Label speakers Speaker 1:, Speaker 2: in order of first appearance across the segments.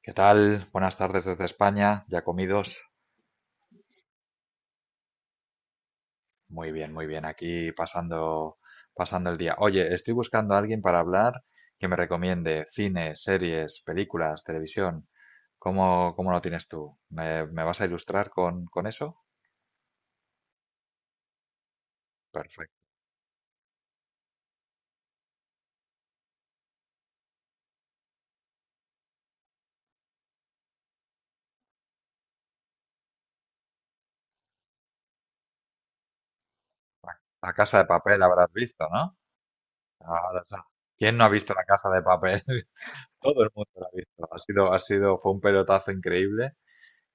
Speaker 1: ¿Qué tal? Buenas tardes desde España. ¿Ya comidos? Muy bien, muy bien. Aquí pasando el día. Oye, estoy buscando a alguien para hablar que me recomiende cine, series, películas, televisión. ¿Cómo lo tienes tú? ¿Me vas a ilustrar con eso? Perfecto. La, La Casa de Papel habrás visto, ¿no? Ahora está. ¿Quién no ha visto La Casa de Papel? Todo el mundo la ha visto. Fue un pelotazo increíble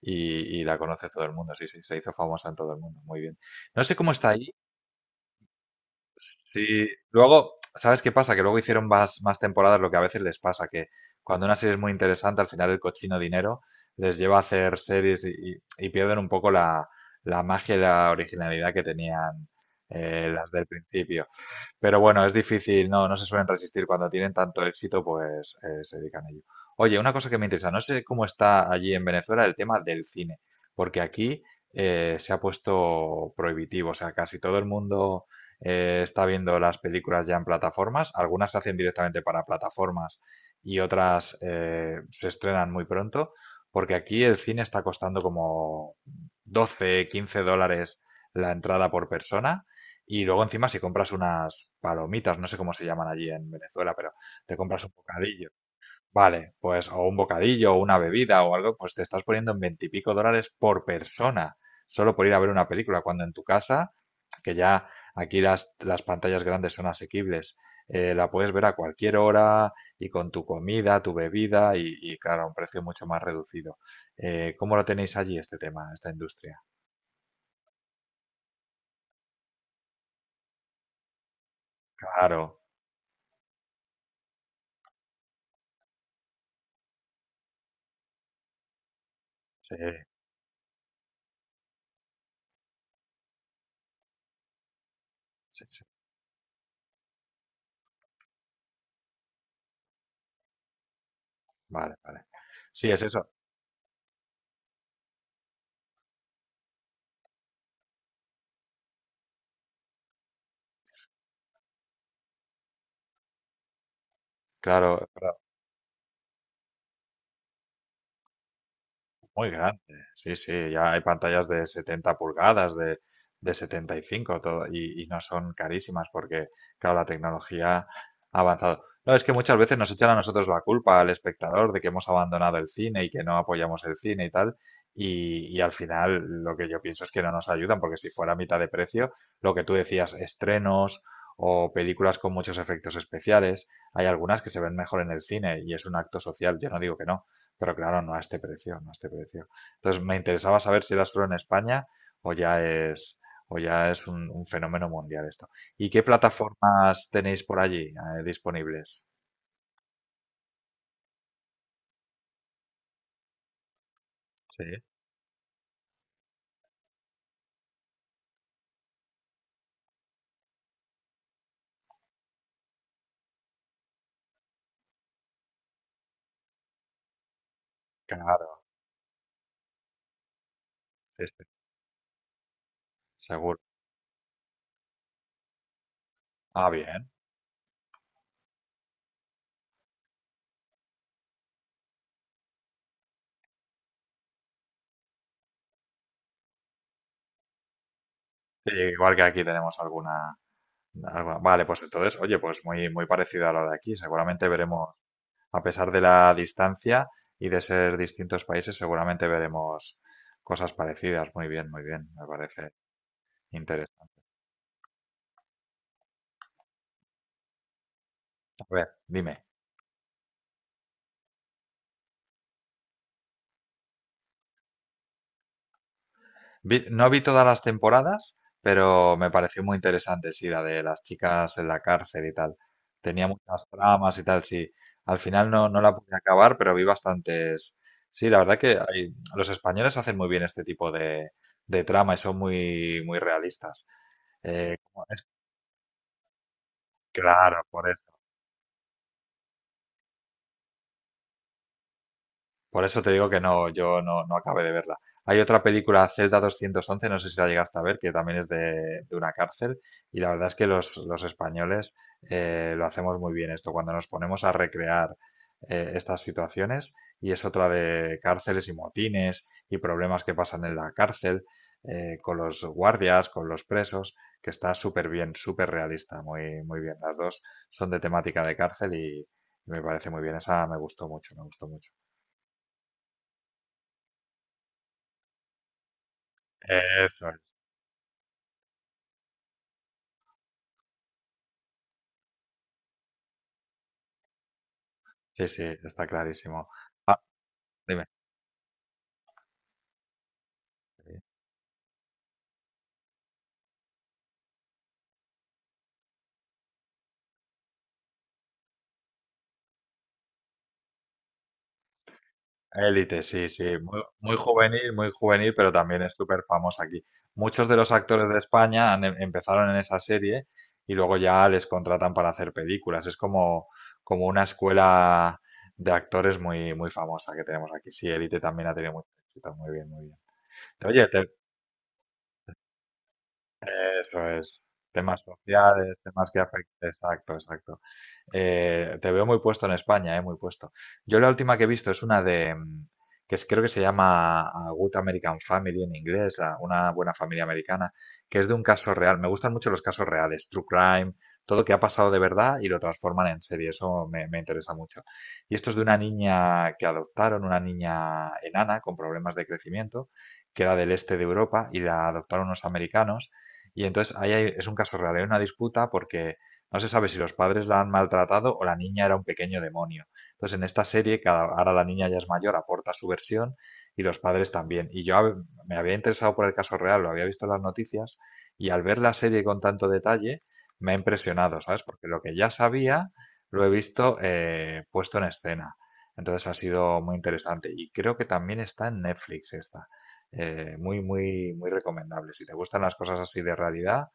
Speaker 1: y la conoce todo el mundo. Sí, sí, se hizo famosa en todo el mundo. Muy bien. No sé cómo está ahí. Sí, luego, ¿sabes qué pasa? Que luego hicieron más temporadas, lo que a veces les pasa, que cuando una serie es muy interesante, al final el cochino dinero les lleva a hacer series y pierden un poco la magia y la originalidad que tenían las del principio. Pero bueno, es difícil, no, no se suelen resistir cuando tienen tanto éxito, pues se dedican a ello. Oye, una cosa que me interesa, no sé cómo está allí en Venezuela el tema del cine, porque aquí se ha puesto prohibitivo, o sea, casi todo el mundo está viendo las películas ya en plataformas, algunas se hacen directamente para plataformas y otras se estrenan muy pronto, porque aquí el cine está costando como 12, $15 la entrada por persona y luego encima si compras unas palomitas, no sé cómo se llaman allí en Venezuela, pero te compras un bocadillo. Vale, pues o un bocadillo o una bebida o algo, pues te estás poniendo en veintipico dólares por persona, solo por ir a ver una película, cuando en tu casa, que ya aquí las pantallas grandes son asequibles, la puedes ver a cualquier hora y con tu comida, tu bebida y, claro, a un precio mucho más reducido. ¿Cómo lo tenéis allí este tema, esta industria? Claro, sí, sí, sí. Vale, vale. Sí, es eso. Claro, pero muy grande. Sí, sí, ya hay pantallas de 70 pulgadas, de 75, todo, y no son carísimas porque, claro, la tecnología ha avanzado. No, es que muchas veces nos echan a nosotros la culpa al espectador de que hemos abandonado el cine y que no apoyamos el cine y tal. Y al final lo que yo pienso es que no nos ayudan porque si fuera a mitad de precio, lo que tú decías, estrenos o películas con muchos efectos especiales, hay algunas que se ven mejor en el cine y es un acto social. Yo no digo que no. Pero claro, no a este precio, no a este precio. Entonces me interesaba saber si era solo en España o ya es, o ya es un fenómeno mundial esto. ¿Y qué plataformas tenéis por allí disponibles? Sí, claro, sí, sí, seguro. Ah, bien. Sí, igual que aquí tenemos Vale, pues entonces, oye, pues muy, muy parecido a lo de aquí. Seguramente veremos, a pesar de la distancia y de ser distintos países, seguramente veremos cosas parecidas. Muy bien, me parece interesante. A ver, dime. No vi todas las temporadas, pero me pareció muy interesante, sí, la de las chicas en la cárcel y tal. Tenía muchas tramas y tal, sí. Al final no, no la pude acabar, pero vi bastantes. Sí, la verdad que los españoles hacen muy bien este tipo de trama y son muy, muy realistas. Como es, claro, por eso. Por eso te digo que no, yo no, no acabé de verla. Hay otra película, Celda 211, no sé si la llegaste a ver, que también es de una cárcel. Y la verdad es que los españoles lo hacemos muy bien esto, cuando nos ponemos a recrear estas situaciones. Y es otra de cárceles y motines y problemas que pasan en la cárcel, con los guardias, con los presos, que está súper bien, súper realista, muy, muy bien. Las dos son de temática de cárcel y me parece muy bien. Esa me gustó mucho, me gustó mucho. Eso es. Sí, sí, está clarísimo. Ah, dime. Élite, sí, sí. Muy, muy juvenil, pero también es súper famosa aquí. Muchos de los actores de España empezaron en esa serie y luego ya les contratan para hacer películas. Es como, como una escuela de actores muy, muy famosa que tenemos aquí. Sí, Élite también ha tenido mucho éxito. Muy bien, muy bien. Oye, eso es. Temas sociales, temas que afectan. Exacto, exacto. Te veo muy puesto en España, muy puesto. Yo la última que he visto es que creo que se llama A Good American Family en inglés, una buena familia americana, que es de un caso real. Me gustan mucho los casos reales, true crime, todo que ha pasado de verdad y lo transforman en serie. Eso me interesa mucho. Y esto es de una niña que adoptaron, una niña enana con problemas de crecimiento, que era del este de Europa y la adoptaron unos americanos. Y entonces ahí es un caso real, hay una disputa porque no se sabe si los padres la han maltratado o la niña era un pequeño demonio. Entonces, en esta serie, ahora la niña ya es mayor, aporta su versión y los padres también. Y yo me había interesado por el caso real, lo había visto en las noticias y al ver la serie con tanto detalle me ha impresionado, ¿sabes? Porque lo que ya sabía lo he visto puesto en escena. Entonces ha sido muy interesante y creo que también está en Netflix esta. Muy, muy, muy recomendable. Si te gustan las cosas así de realidad,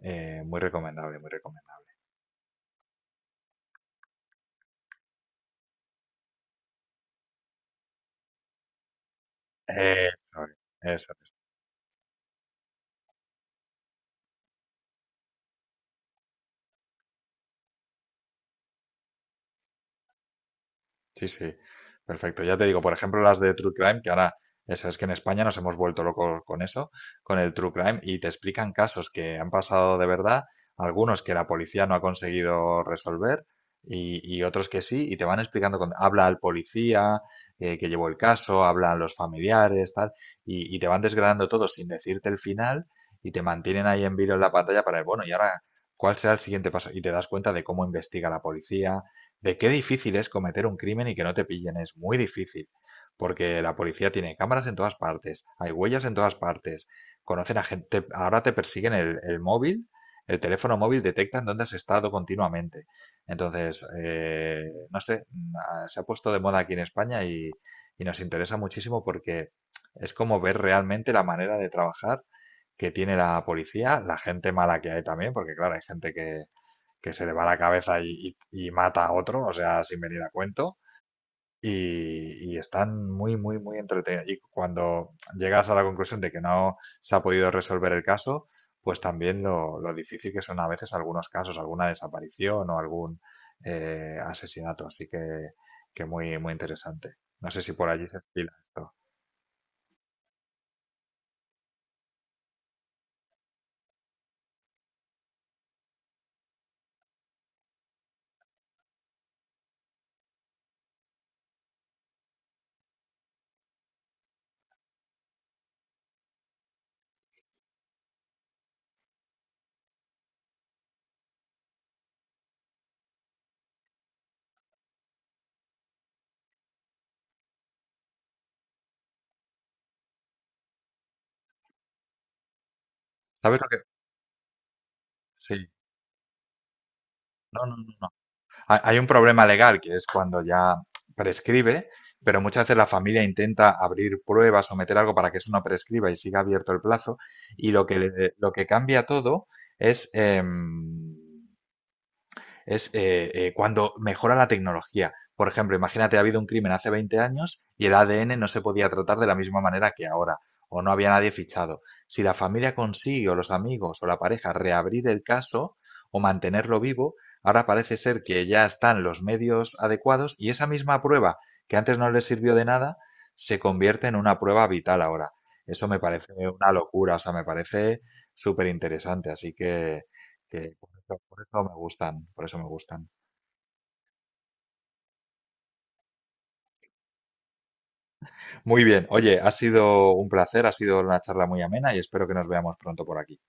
Speaker 1: muy recomendable, muy recomendable. Eso es, eso es. Sí, sí. Perfecto. Ya te digo, por ejemplo, las de True Crime, que ahora, eso es que en España nos hemos vuelto locos con eso, con el True Crime, y te explican casos que han pasado de verdad, algunos que la policía no ha conseguido resolver y otros que sí, y, te van explicando, habla al policía que llevó el caso, hablan los familiares, tal, y te van desgranando todo sin decirte el final y te mantienen ahí en vilo en la pantalla para el, bueno, y ahora, ¿cuál será el siguiente paso? Y te das cuenta de cómo investiga la policía. De qué difícil es cometer un crimen y que no te pillen, es muy difícil, porque la policía tiene cámaras en todas partes, hay huellas en todas partes, conocen a gente, ahora te persiguen el móvil, el teléfono móvil detectan dónde has estado continuamente. Entonces, no sé, se ha puesto de moda aquí en España y nos interesa muchísimo porque es como ver realmente la manera de trabajar que tiene la policía, la gente mala que hay también, porque claro, hay gente que se le va la cabeza y mata a otro, o sea, sin venir a cuento. Y están muy, muy, muy entretenidos. Y cuando llegas a la conclusión de que no se ha podido resolver el caso, pues también lo difícil que son a veces algunos casos, alguna desaparición o algún asesinato. Así que muy, muy interesante. No sé si por allí se estila esto. ¿Sabes lo que...? Sí. No, no, no. No. Hay un problema legal que es cuando ya prescribe, pero muchas veces la familia intenta abrir pruebas o meter algo para que eso no prescriba y siga abierto el plazo. Y lo que cambia todo es em, es cuando mejora la tecnología. Por ejemplo, imagínate, ha habido un crimen hace 20 años y el ADN no se podía tratar de la misma manera que ahora, o no había nadie fichado. Si la familia consigue, o los amigos, o la pareja, reabrir el caso o mantenerlo vivo, ahora parece ser que ya están los medios adecuados y esa misma prueba que antes no les sirvió de nada, se convierte en una prueba vital ahora. Eso me parece una locura, o sea, me parece súper interesante. Así que por eso me gustan, por eso me gustan. Muy bien, oye, ha sido un placer, ha sido una charla muy amena y espero que nos veamos pronto por aquí.